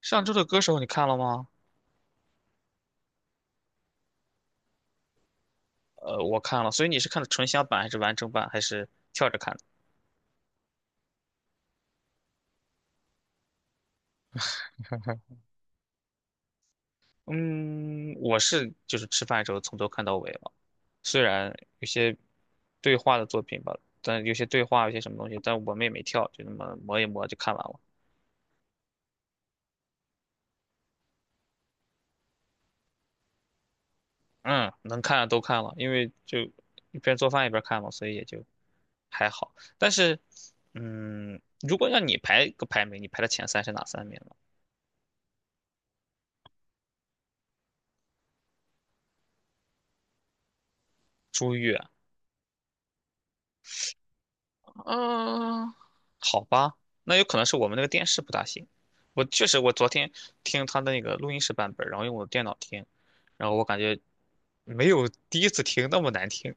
上周的歌手你看了吗？我看了，所以你是看的纯享版还是完整版，还是跳着看的？嗯，我是吃饭的时候从头看到尾了，虽然有些对话的作品吧，但有些对话有些什么东西，但我们也没跳，就那么磨一磨就看完了。嗯，能看的都看了，因为就一边做饭一边看嘛，所以也就还好。但是，嗯，如果让你排个排名，你排的前三是哪三名呢？朱越、嗯，好吧，那有可能是我们那个电视不大行。我确实，我昨天听他的那个录音室版本，然后用我的电脑听，然后我感觉没有第一次听那么难听。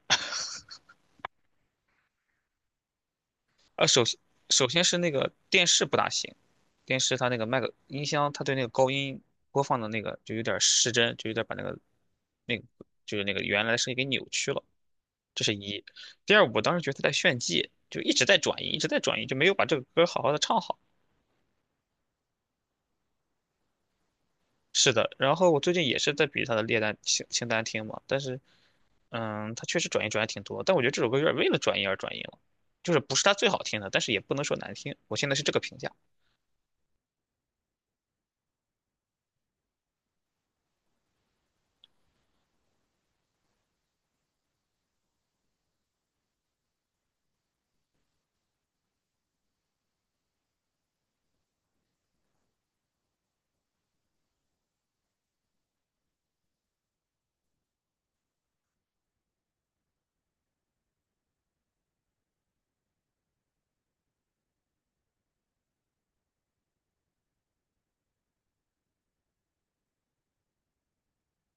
呃，首先首先是那个电视不大行，电视它那个麦克音箱，它对那个高音播放的那个就有点失真，就有点把那个就是那个原来的声音给扭曲了，这是一。第二，我当时觉得他在炫技，就一直在转移，一直在转移，就没有把这个歌好好的唱好。是的，然后我最近也是在比他的列单清清单听嘛，但是，嗯，他确实转音转的挺多，但我觉得这首歌有点为了转音而转音了，就是不是他最好听的，但是也不能说难听，我现在是这个评价。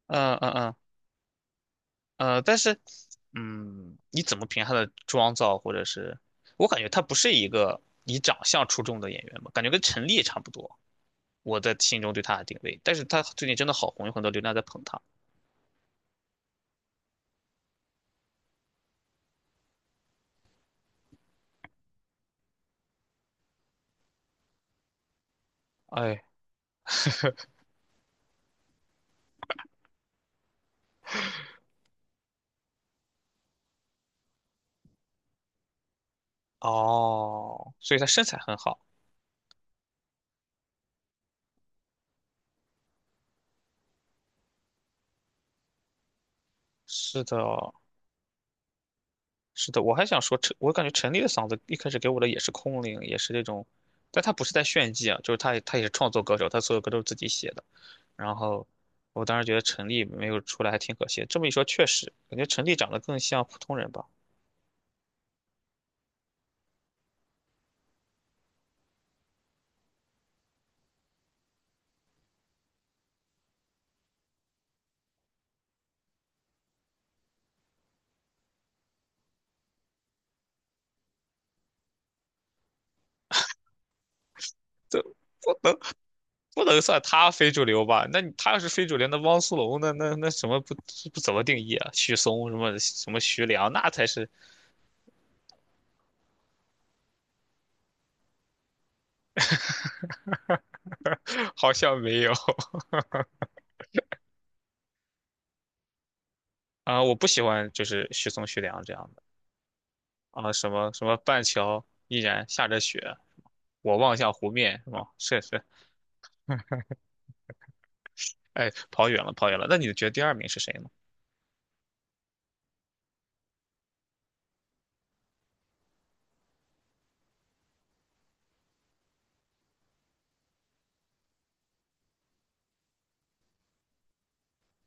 嗯嗯嗯但是，嗯，你怎么评他的妆造，或者是我感觉他不是一个以长相出众的演员吧，感觉跟陈粒也差不多，我在心中对他的定位，但是他最近真的好红，有很多流量在捧他。哎，哦，所以他身材很好。是的，是的，我还想说陈，我感觉陈粒的嗓子一开始给我的也是空灵，也是那种，但他不是在炫技啊，就是他也是创作歌手，他所有歌都是自己写的。然后我当时觉得陈粒没有出来还挺可惜。这么一说，确实感觉陈粒长得更像普通人吧，这不能不能算他非主流吧？那你他要是非主流，那汪苏泷那什么不怎么定义啊？许嵩什么什么徐良那才是 好像没有 啊、我不喜欢就是许嵩、徐良这样的。啊，什么什么半桥依然下着雪，我望向湖面，是吗？是是，哎，跑远了，跑远了。那你觉得第二名是谁呢？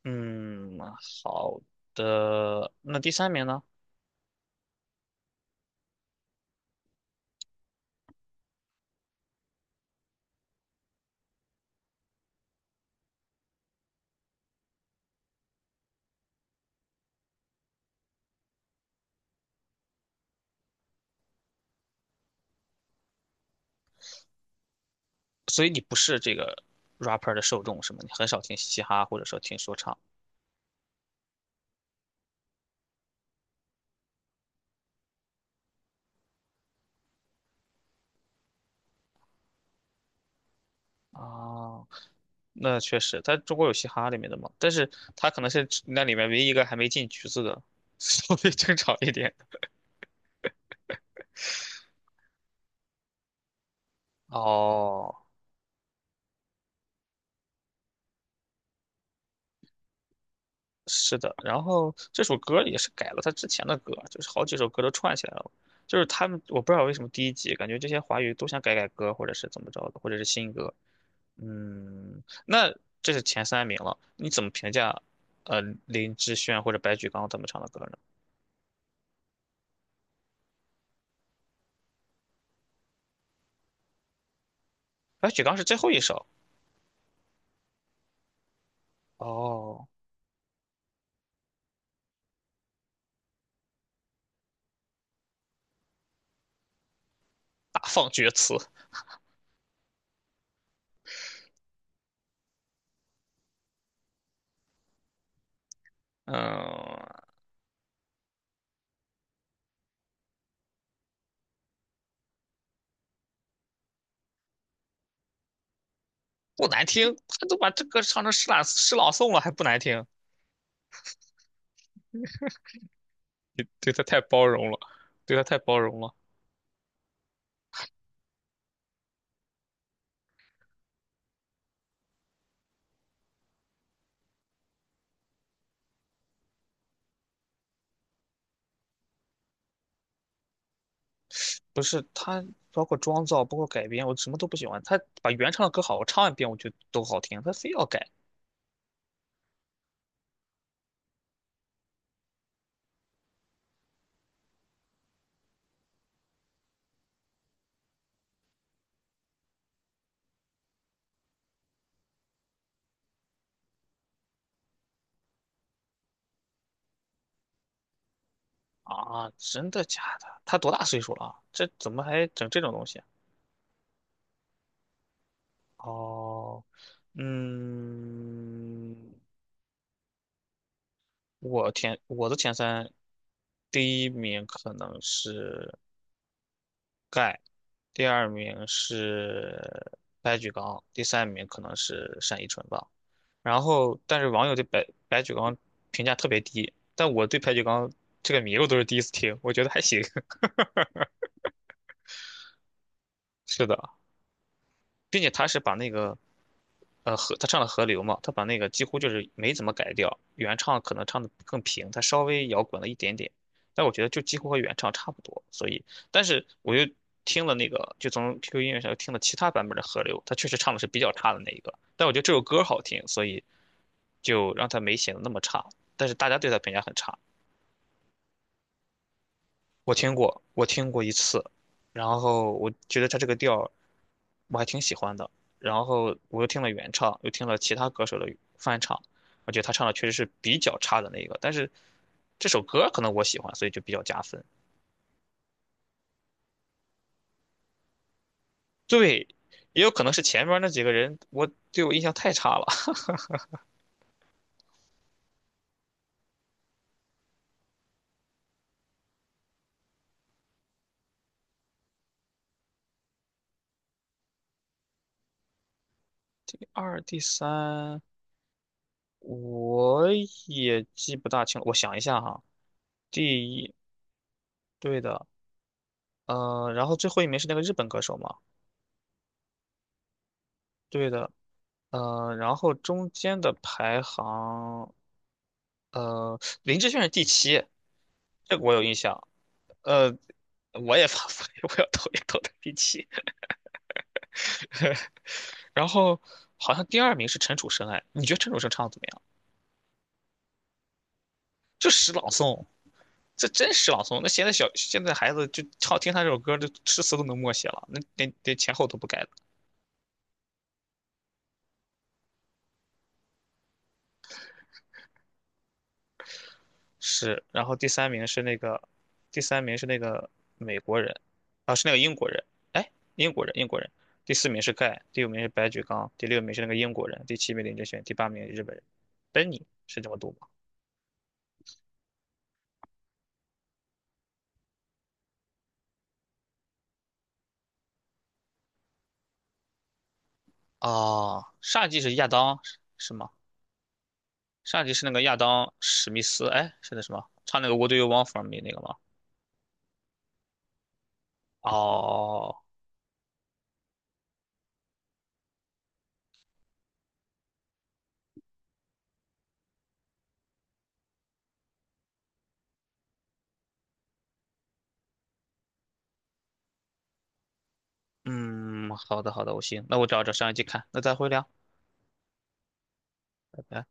嗯，好的，那第三名呢？所以你不是这个 rapper 的受众是吗？你很少听嘻哈或者说听说唱啊？那确实，在中国有嘻哈里面的嘛，但是他可能是那里面唯一一个还没进局子的，稍微正常一点。哦，是的，然后这首歌也是改了他之前的歌，就是好几首歌都串起来了。就是他们，我不知道为什么第一集感觉这些华语都想改改歌，或者是怎么着的，或者是新歌。嗯，那这是前三名了，你怎么评价？呃，林志炫或者白举纲他们唱的歌呢？白举纲是最后一首哦，大放厥词，嗯，不难听，他都把这歌唱成诗朗诵了，还不难听，对他太包容了，对他太包容了。不是他，包括妆造，包括改编，我什么都不喜欢。他把原唱的歌好，我唱一遍我觉得都好听，他非要改啊！真的假的？他多大岁数了啊？这怎么还整这种东西啊？哦，嗯，我的前三，第一名可能是盖，第二名是白举纲，第三名可能是单依纯吧。然后，但是网友对白举纲评价特别低，但我对白举纲这个名我都是第一次听，我觉得还行。是的。并且他是把那个，呃，他唱了河流嘛，他把那个几乎就是没怎么改掉，原唱可能唱的更平，他稍微摇滚了一点点，但我觉得就几乎和原唱差不多。所以，但是我又听了那个，就从 QQ 音乐上又听了其他版本的河流，他确实唱的是比较差的那一个，但我觉得这首歌好听，所以就让他没显得那么差，但是大家对他评价很差。我听过，我听过一次，然后我觉得他这个调儿我还挺喜欢的，然后我又听了原唱，又听了其他歌手的翻唱，我觉得他唱的确实是比较差的那个，但是这首歌可能我喜欢，所以就比较加分。对，也有可能是前面那几个人我对我印象太差了。第二、第三我也记不大清了，我想一下哈，第一，对的，然后最后一名是那个日本歌手嘛，对的，然后中间的排行，呃，林志炫是第七，这个我有印象。呃，我也发，我要投一 投他第七。然后好像第二名是陈楚生，哎，你觉得陈楚生唱的怎么样？就诗朗诵，这真诗朗诵。那现在现在孩子就唱听他这首歌，就诗词都能默写了，那连前后都不改是，然后第三名是那个，第三名是那个美国人，啊，是那个英国人，哎，英国人。第四名是盖，第五名是白举纲，第六名是那个英国人，第七名林志炫，第八名日本人。本尼是这么读吗？哦，上一季是亚当是吗？上一季是那个亚当史密斯，哎，是那什么，唱那个《What Do You Want from Me》那个吗？哦，嗯，好的我行，那我找找上一季看，那再会聊，拜拜。